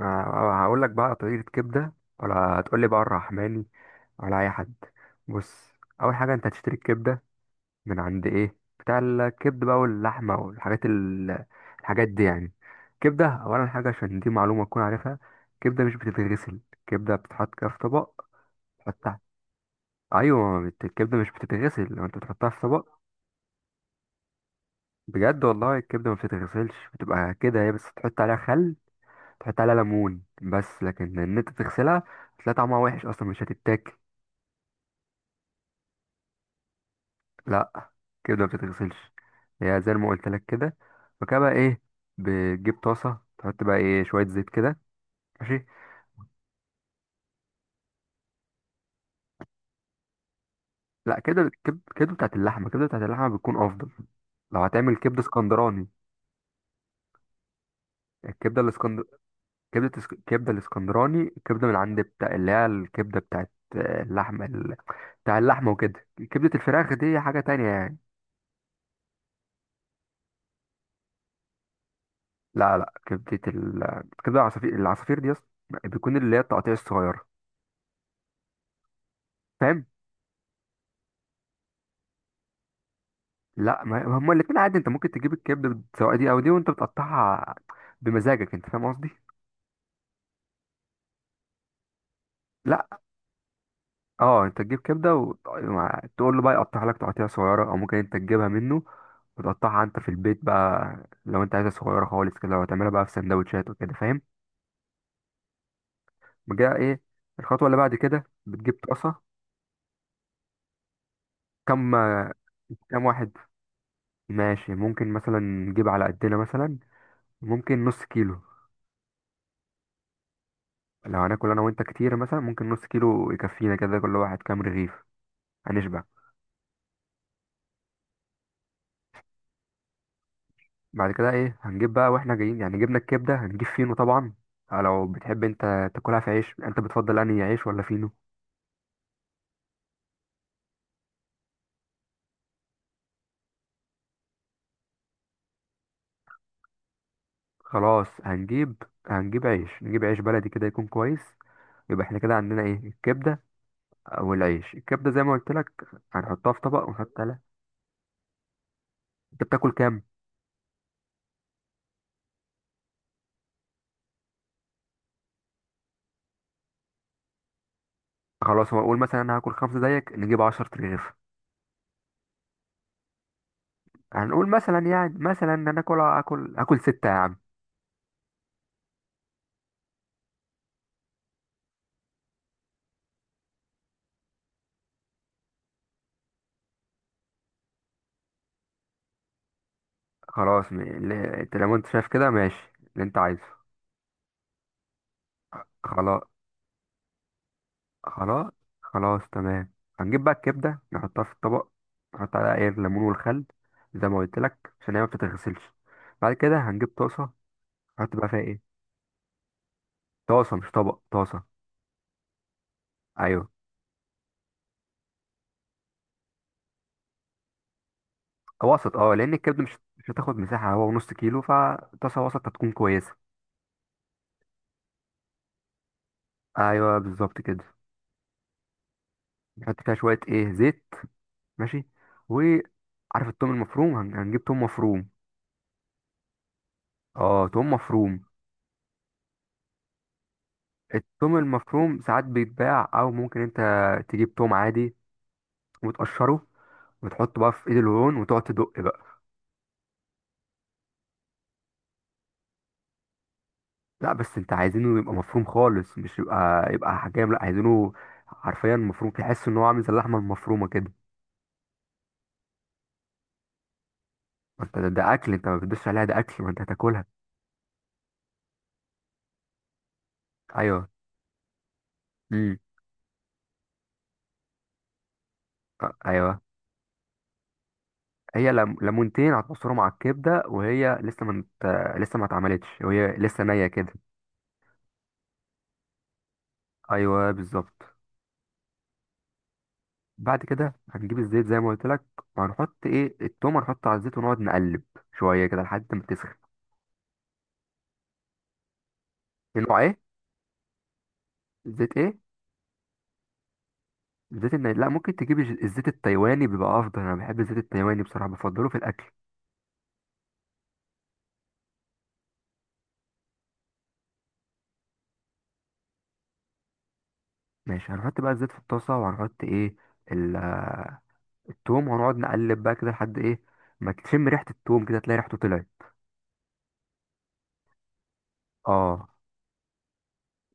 هقول لك بقى طريقة كبدة، ولا هتقول لي بقى الرحماني، ولا اي حد؟ بص، اول حاجة انت هتشتري الكبدة من عند ايه بتاع الكبد بقى، واللحمة والحاجات الحاجات دي يعني. كبدة اولا حاجة، عشان دي معلومة تكون عارفها. كبدة مش بتتغسل، كبدة بتتحط كده في طبق، تحطها. ايوه، الكبدة مش بتتغسل، لو انت بتحطها في طبق. بجد والله، الكبدة ما بتتغسلش، بتبقى كده هي، بس تحط عليها خل، تحط عليها ليمون بس. لكن ان انت تغسلها، هتلاقي طعمها وحش اصلا، مش هتتاكل. لا، كده ما بتتغسلش، هي زي ما قلت لك كده. فكده بقى ايه، بتجيب طاسه، تحط بقى ايه شويه زيت كده. ماشي. لا، كده بتاعت اللحمه، كده بتاعت اللحمه بتكون افضل، لو هتعمل كبده اسكندراني. الكبده الاسكندر الكبده الاسكندراني، الكبده من عند بتاع اللي هي الكبده بتاعت اللحمه بتاع اللحمه، وكده. كبده الفراخ دي حاجه تانية يعني. لا، لا، كبدة العصافير. بيكون اللي هي التقطيع الصغيرة، فاهم. لا، ما هما الاتنين عادي، انت ممكن تجيب الكبدة سواء دي او دي، وانت بتقطعها بمزاجك، انت فاهم قصدي. لا، اه، انت تجيب كبدة وتقول له بقى يقطعها لك تقطيع صغيرة، او ممكن انت تجيبها منه وتقطعها انت في البيت بقى، لو انت عايزها صغيرة خالص كده، وتعملها بقى في سندوتشات وكده، فاهم. بقى ايه الخطوة اللي بعد كده، بتجيب طاسة. كم؟ كم واحد؟ ماشي، ممكن مثلا نجيب على قدنا، مثلا ممكن نص كيلو. لو هناكل انا وانت كتير مثلا، ممكن نص كيلو يكفينا كده، كل واحد كام رغيف، هنشبع. بعد كده ايه، هنجيب بقى واحنا جايين يعني، جبنا الكبده، هنجيب فينو طبعا. آه، لو بتحب انت تاكلها في عيش، انت بتفضل انهي عيش ولا فينو؟ خلاص، هنجيب عيش، نجيب عيش بلدي كده، يكون كويس. يبقى احنا كده عندنا ايه الكبده، او العيش. الكبده زي ما قلت لك، هنحطها في طبق ونحط عليها. انت بتاكل كام؟ خلاص، هو اقول مثلا انا هاكل خمسه زيك، نجيب 10 رغيف. هنقول مثلا، يعني مثلا ان انا اكل ستة يا عم. خلاص، انت لو انت شايف كده ماشي اللي انت عايزه. خلاص، خلاص، خلاص، تمام. هنجيب بقى الكبدة، نحطها في الطبق، نحط عليها ايه الليمون والخل، زي ما قلت لك، عشان هي ما بتتغسلش. بعد كده هنجيب طاسة، نحط بقى فيها ايه. طاسة مش طبق، طاسة. ايوه. وسط، اه، لان الكبدة مش هتاخد مساحة، هو نص كيلو، فطاسة وسط هتكون كويسة. ايوه بالظبط كده. نحط فيها شوية ايه زيت. ماشي. وعارف التوم المفروم، هنجيب توم مفروم. اه، توم مفروم. التوم المفروم ساعات بيتباع، او ممكن انت تجيب توم عادي، وتقشره، وتحطه بقى في ايد الهون وتقعد تدق بقى. لا، بس انت عايزينه يبقى مفروم خالص، مش يبقى حجام. لا، عايزينه حرفيا مفروم، تحس ان هو عامل زي اللحمه المفرومه كده. ما انت ده اكل، انت ما بتدوسش عليها، ده اكل ما انت هتاكلها. ايوه. امم. ايوه. هي ليمونتين هتعصرهم على الكبده، وهي لسه ما مت... لسه ما اتعملتش، وهي لسه نيه كده. ايوه بالظبط. بعد كده هنجيب الزيت زي ما قلت لك، وهنحط ايه التوم، هنحطه على الزيت، ونقعد نقلب شويه كده لحد ما تسخن. في نوع ايه؟ زيت ايه؟ لا، ممكن تجيب الزيت التايواني، بيبقى افضل. انا بحب الزيت التايواني بصراحه، بفضله في الاكل. ماشي، هنحط بقى الزيت في الطاسه، وهنحط ايه ال... آه، التوم، وهنقعد نقلب بقى كده لحد ايه، ما تشم ريحه التوم كده، تلاقي ريحته طلعت. اه.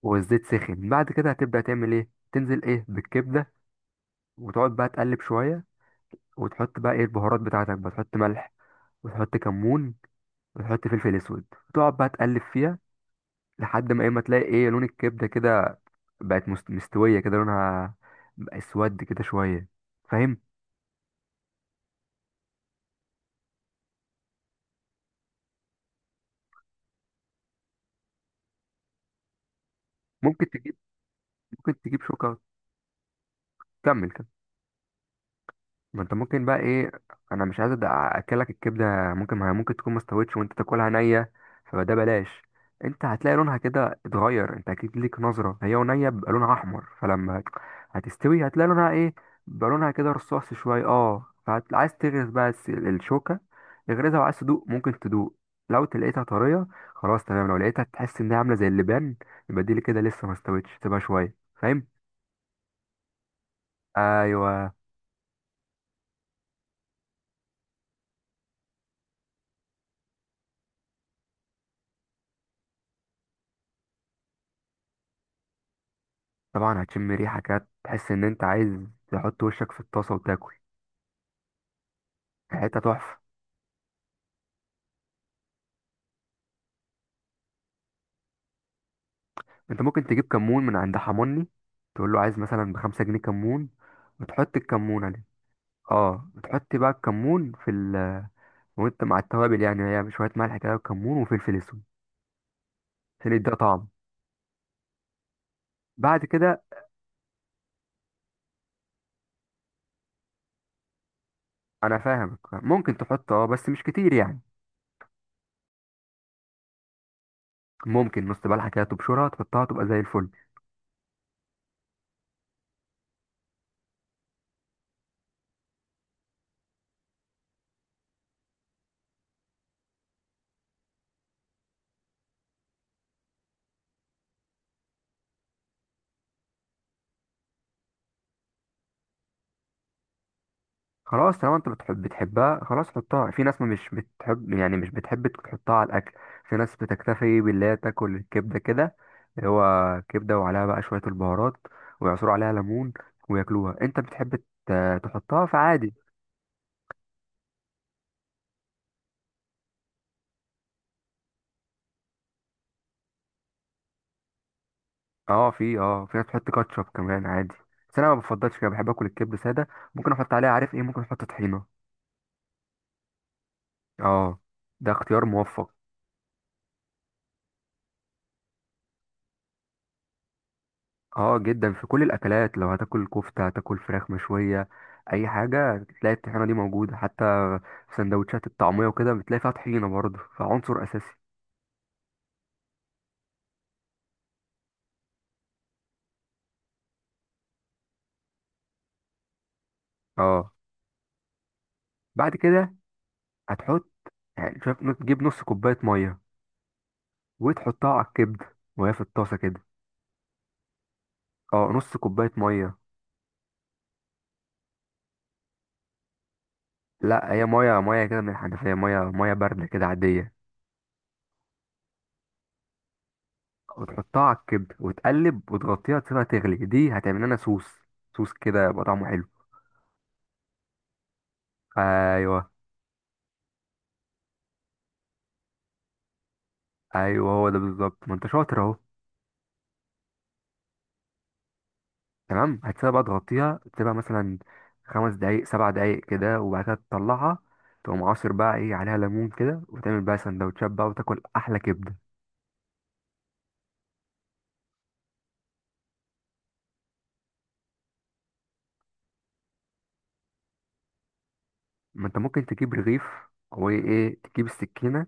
والزيت سخن. بعد كده هتبدأ تعمل ايه، تنزل ايه بالكبدة، وتقعد بقى تقلب شوية، وتحط بقى ايه البهارات بتاعتك بقى، تحط ملح، وتحط كمون، وتحط فلفل اسود، وتقعد بقى تقلب فيها لحد ما ايه، ما تلاقي ايه لون الكبدة كده بقت مستوية كده، لونها بقى اسود كده شوية، فاهم. ممكن تجيب ممكن تجيب شوكة. كمل، كمل. ما انت ممكن بقى ايه، انا مش عايز اكلك الكبده، ممكن ما هي ممكن تكون ما استوتش، وانت تاكلها نيه، فده بلاش. انت هتلاقي لونها كده اتغير، انت اكيد ليك نظره، هي ونيه بيبقى لونها احمر، فلما هتستوي هتلاقي لونها ايه، بيبقى لونها كده رصاصي شويه. اه، فعايز تغرز بقى الشوكه، اغرزها، وعايز تدوق، ممكن تدوق. لو لقيتها طريه، خلاص تمام. لو لقيتها تحس انها عامله زي اللبان، يبقى دي اللي كده لسه ما استوتش، تبقى شويه، فاهم. ايوه طبعا، هتشم ريحة كده، تحس ان انت عايز تحط وشك في الطاسة وتاكل، ريحتها تحفة. انت ممكن تجيب كمون من عند حموني، تقول له عايز مثلا بـ5 جنيه كمون، وتحط الكمون عليه. اه، وتحط بقى الكمون في ال وانت مع التوابل يعني، هي شوية ملح كده، وكمون، وفلفل اسود، عشان يديها طعم. بعد كده، انا فاهمك، ممكن تحط، اه، بس مش كتير يعني. ممكن نص بلحة كده، تبشرها، تحطها، تبقى زي الفل. خلاص، طالما انت بتحبها، خلاص حطها. في ناس ما مش بتحب يعني، مش بتحب تحطها على الاكل، في ناس بتكتفي باللي هي تاكل الكبده كده، اللي هو كبده وعليها بقى شويه البهارات، ويعصروا عليها ليمون وياكلوها. انت بتحب تحطها، فعادي. اه، في ناس بتحط كاتشب كمان، عادي. بس انا ما بفضلش كده، بحب اكل الكبده ساده. ممكن احط عليها عارف ايه، ممكن احط طحينه. اه، ده اختيار موفق. اه، جدا، في كل الاكلات، لو هتاكل كفته، هتاكل فراخ مشويه، اي حاجه، تلاقي الطحينه دي موجوده، حتى في سندوتشات الطعميه وكده بتلاقي فيها طحينه برضه، فعنصر اساسي. اه. بعد كده هتحط، يعني شوف، تجيب نص كوبايه ميه، وتحطها على الكبده وهي في الطاسه كده. اه، نص كوبايه ميه. لا، هي ميه، ميه كده من الحنفيه، ميه ميه بارده كده، عاديه. وتحطها على الكبده، وتقلب، وتغطيها، تسيبها تغلي، دي هتعمل لنا صوص، صوص كده يبقى طعمه حلو. ايوه. ايوه، هو ده بالظبط، ما انت شاطر اهو. تمام، هتسيبها بقى تغطيها، تسيبها مثلا 5 دقايق، 7 دقايق كده، وبعد كده تطلعها، تقوم عاصر بقى ايه عليها ليمون كده، وتعمل بقى سندوتشات بقى، وتاكل احلى كبده. ما انت ممكن تجيب رغيف، او ايه، تجيب السكينه،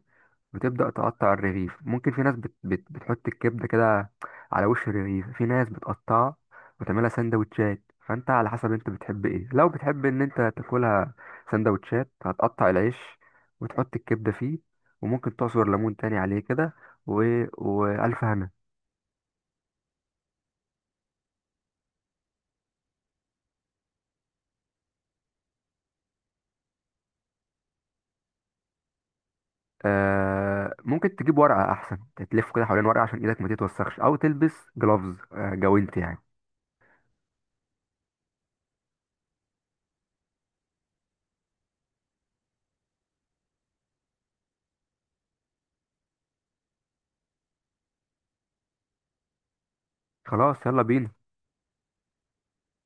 وتبدأ تقطع الرغيف. ممكن في ناس بت بت بتحط الكبدة كده على وش الرغيف، في ناس بتقطعها وتعملها سندوتشات. فانت على حسب انت بتحب ايه، لو بتحب ان انت تاكلها سندوتشات، هتقطع العيش، وتحط الكبدة فيه، وممكن تعصر ليمون تاني عليه كده، و... وألف هنا. آه، ممكن تجيب ورقة أحسن، تلف كده حوالين ورقة، عشان إيدك ما تتوسخش، أو تلبس جلوفز جوانت يعني. خلاص، يلا بينا.